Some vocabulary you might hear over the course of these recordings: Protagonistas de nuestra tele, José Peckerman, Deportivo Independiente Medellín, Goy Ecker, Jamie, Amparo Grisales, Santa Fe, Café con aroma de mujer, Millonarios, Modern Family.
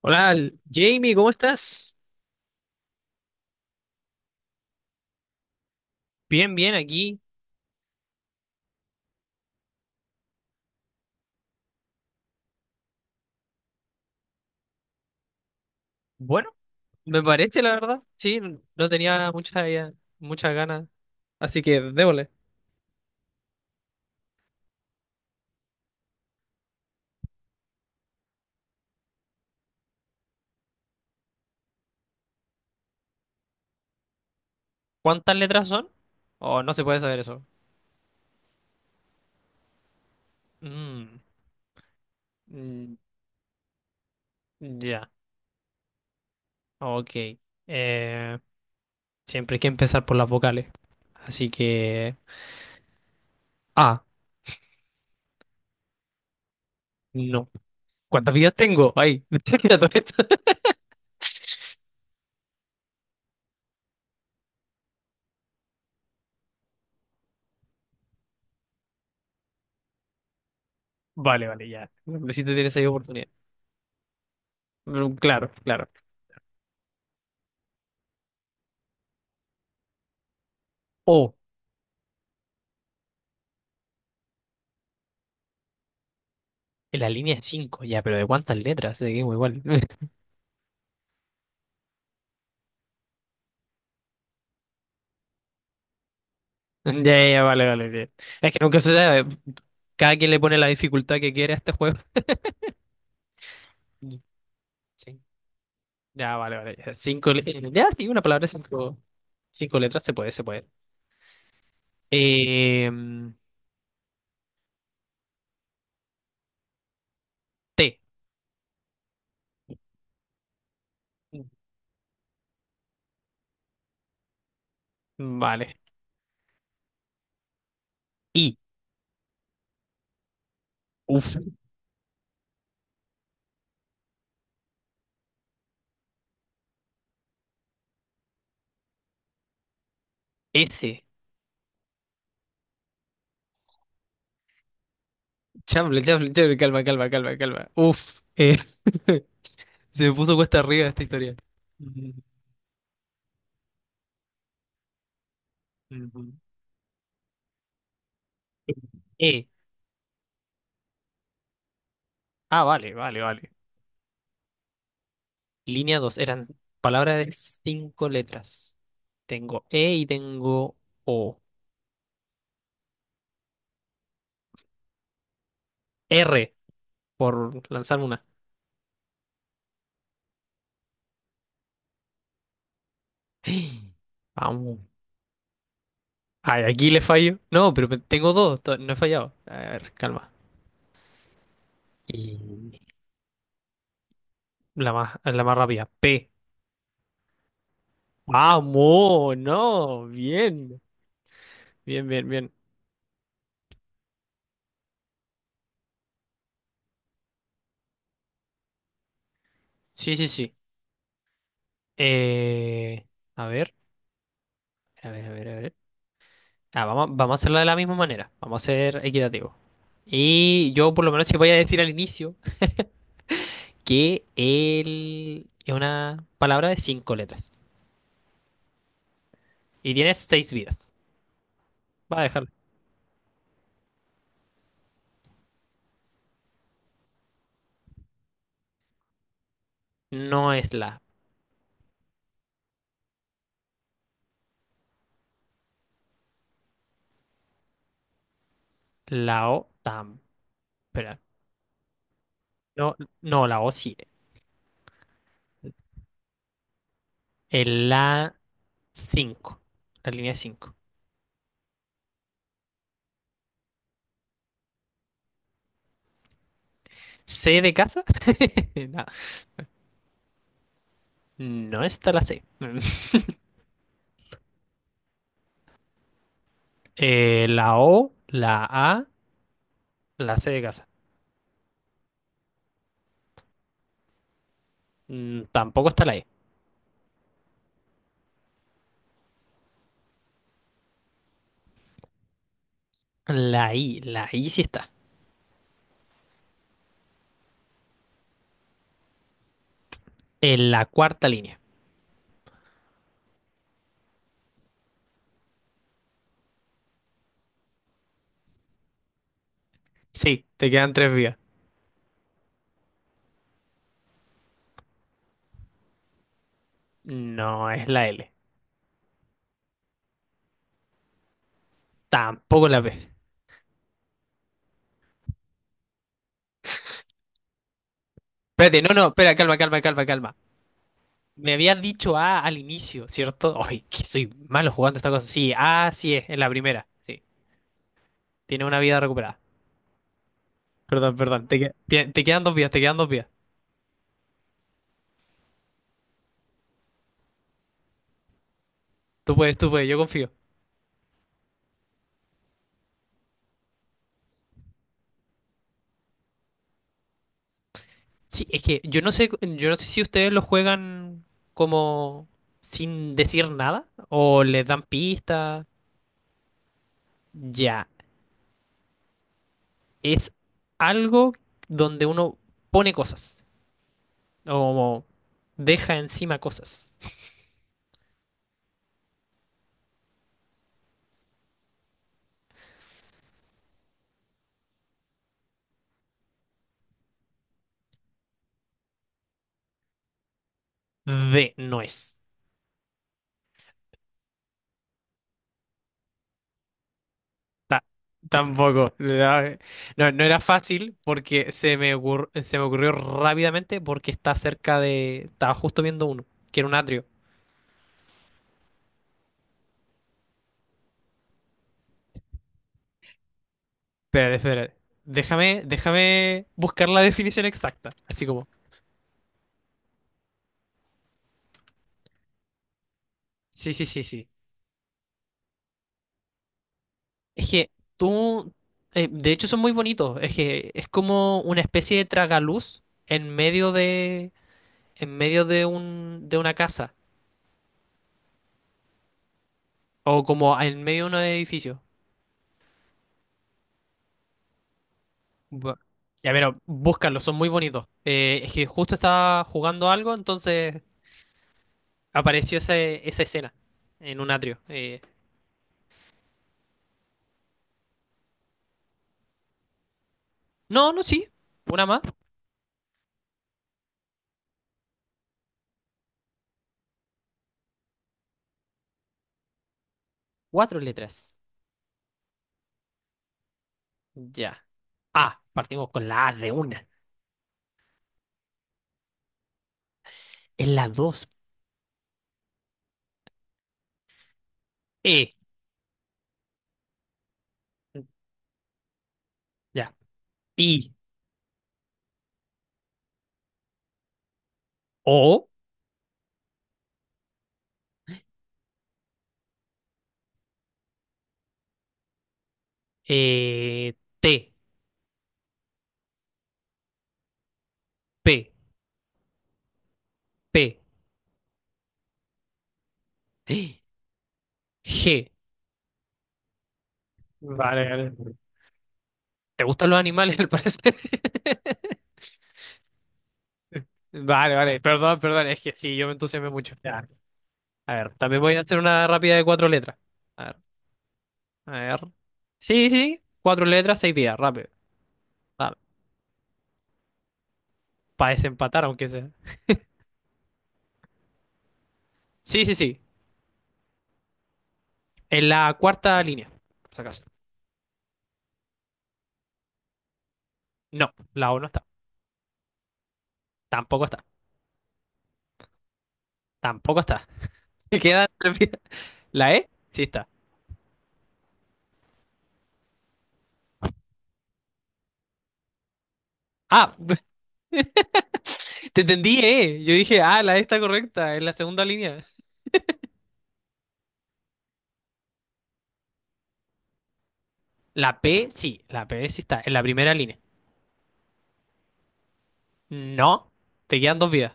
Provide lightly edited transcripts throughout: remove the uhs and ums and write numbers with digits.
Hola, Jamie, ¿cómo estás? Bien, bien, aquí. Bueno, me parece, la verdad. Sí, no tenía muchas ganas. Así que démosle. ¿Cuántas letras son? Oh, no se puede saber eso. Mm, mm, ya, ok. Eh, Siempre hay que empezar por las vocales. Así que... Ah, no. ¿Cuántas vidas tengo? Ay, me estoy olvidando esto. Vale, vale, ya. Si te tienes ahí oportunidad. Mm, claro, claro. Oh, en la línea 5. Ya, pero ¿de cuántas letras? Seguimos igual. Ya, ya, vale, vale. Ya. Es que nunca se sabe. Cada quien le pone la dificultad que quiere a este juego. Sí. Ya, vale, vale. Ya. Ya, sí, una palabra, cinco letras, se puede, se puede. Eh, T. Vale. I. Uf. S. Chamble, chamble, chamble. Calma, calma, calma, calma. Uf. Se me puso cuesta arriba esta historia. Ujú, ujú. E. Ah, vale, vale, vale. Línea 2 eran palabras de cinco letras. Tengo E y tengo O. R, por lanzar una. Vamos. Ay, aquí le fallo. No, pero tengo dos, no he fallado. A ver, calma. Y la más rápida, P. Vamos, no, bien. Bien, bien, bien. Sí, sí, sí. Eh, a ver, a ver, a ver, a ver. Ah, vamos, vamos a hacerlo de la misma manera. Vamos a ser equitativo. Y yo, por lo menos, si voy a decir al inicio que él es una palabra de cinco letras y tiene seis vidas. Va a dejarlo. No es la O tam. Espera. No, no, la O sí. El la 5 La línea cinco. C de casa. No, no está la C. La O, la A, la C de casa. Tampoco está la E. La I sí está. En la cuarta línea. Sí, te quedan tres vías. No es la L. Tampoco la B. Espérate, no, no, espera, calma, calma, calma, calma. Me habías dicho A al inicio, ¿cierto? Ay, que soy malo jugando esta cosa. Sí, A sí es, en la primera. Sí, tiene una vida recuperada. Perdón, perdón, te quedan dos vidas, te quedan dos vidas. Tú puedes, yo confío. Sí, es que yo no sé si ustedes lo juegan como sin decir nada o les dan pistas. Ya, es algo donde uno pone cosas o deja encima cosas. D no es. Ta- Tampoco. No, no era fácil porque se me ocurrió rápidamente porque está cerca de. Estaba justo viendo uno, que era un atrio. Espérate, espérate. Déjame, déjame buscar la definición exacta. Así como. Sí, sí, sí, sí. Es que tú. De hecho, son muy bonitos. Es que es como una especie de tragaluz en medio de un. De una casa. O como en medio de un edificio. Bu- Ya, pero búscalos, son muy bonitos. Es que justo estaba jugando algo, entonces apareció esa escena en un atrio. No, no, sí. Una más. Cuatro letras. Ya. A. Partimos con la A de una. Es la dos. E. Ya. I. O. eh, T. P. P. G. Vale, vale. ¿Te gustan los animales, al parecer? Vale, vale. Perdón, perdón. Es que sí, yo me entusiasmé mucho. A ver, también voy a hacer una rápida de cuatro letras. A ver, a ver. Sí, sí, cuatro letras, seis vidas, rápido. Para desempatar, aunque sea. Sí, sí, sí. En la cuarta línea, por si acaso. No, la O no está. Tampoco está. Tampoco está. Quedan tres vidas. ¿La E? Sí está. Ah, te entendí, E. Yo dije, ah, la E está correcta, en la segunda línea. La P sí está, en la primera línea. No, te quedan dos vidas.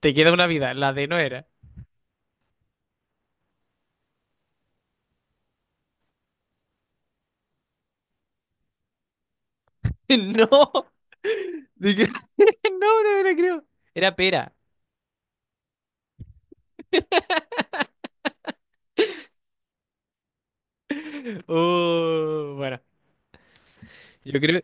Te queda una vida, la D no era. No. No, no me lo creo. Era pera. Bueno, yo creo,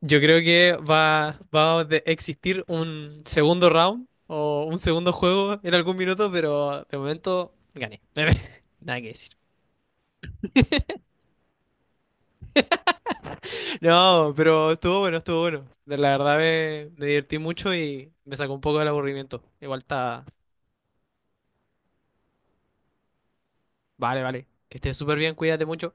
yo creo que va a existir un segundo round o un segundo juego en algún minuto, pero de momento gané. Nada que decir. No, pero estuvo bueno, estuvo bueno. La verdad me divertí mucho y me sacó un poco del aburrimiento. Igual está... Vale, vale. Que estés súper bien, cuídate mucho.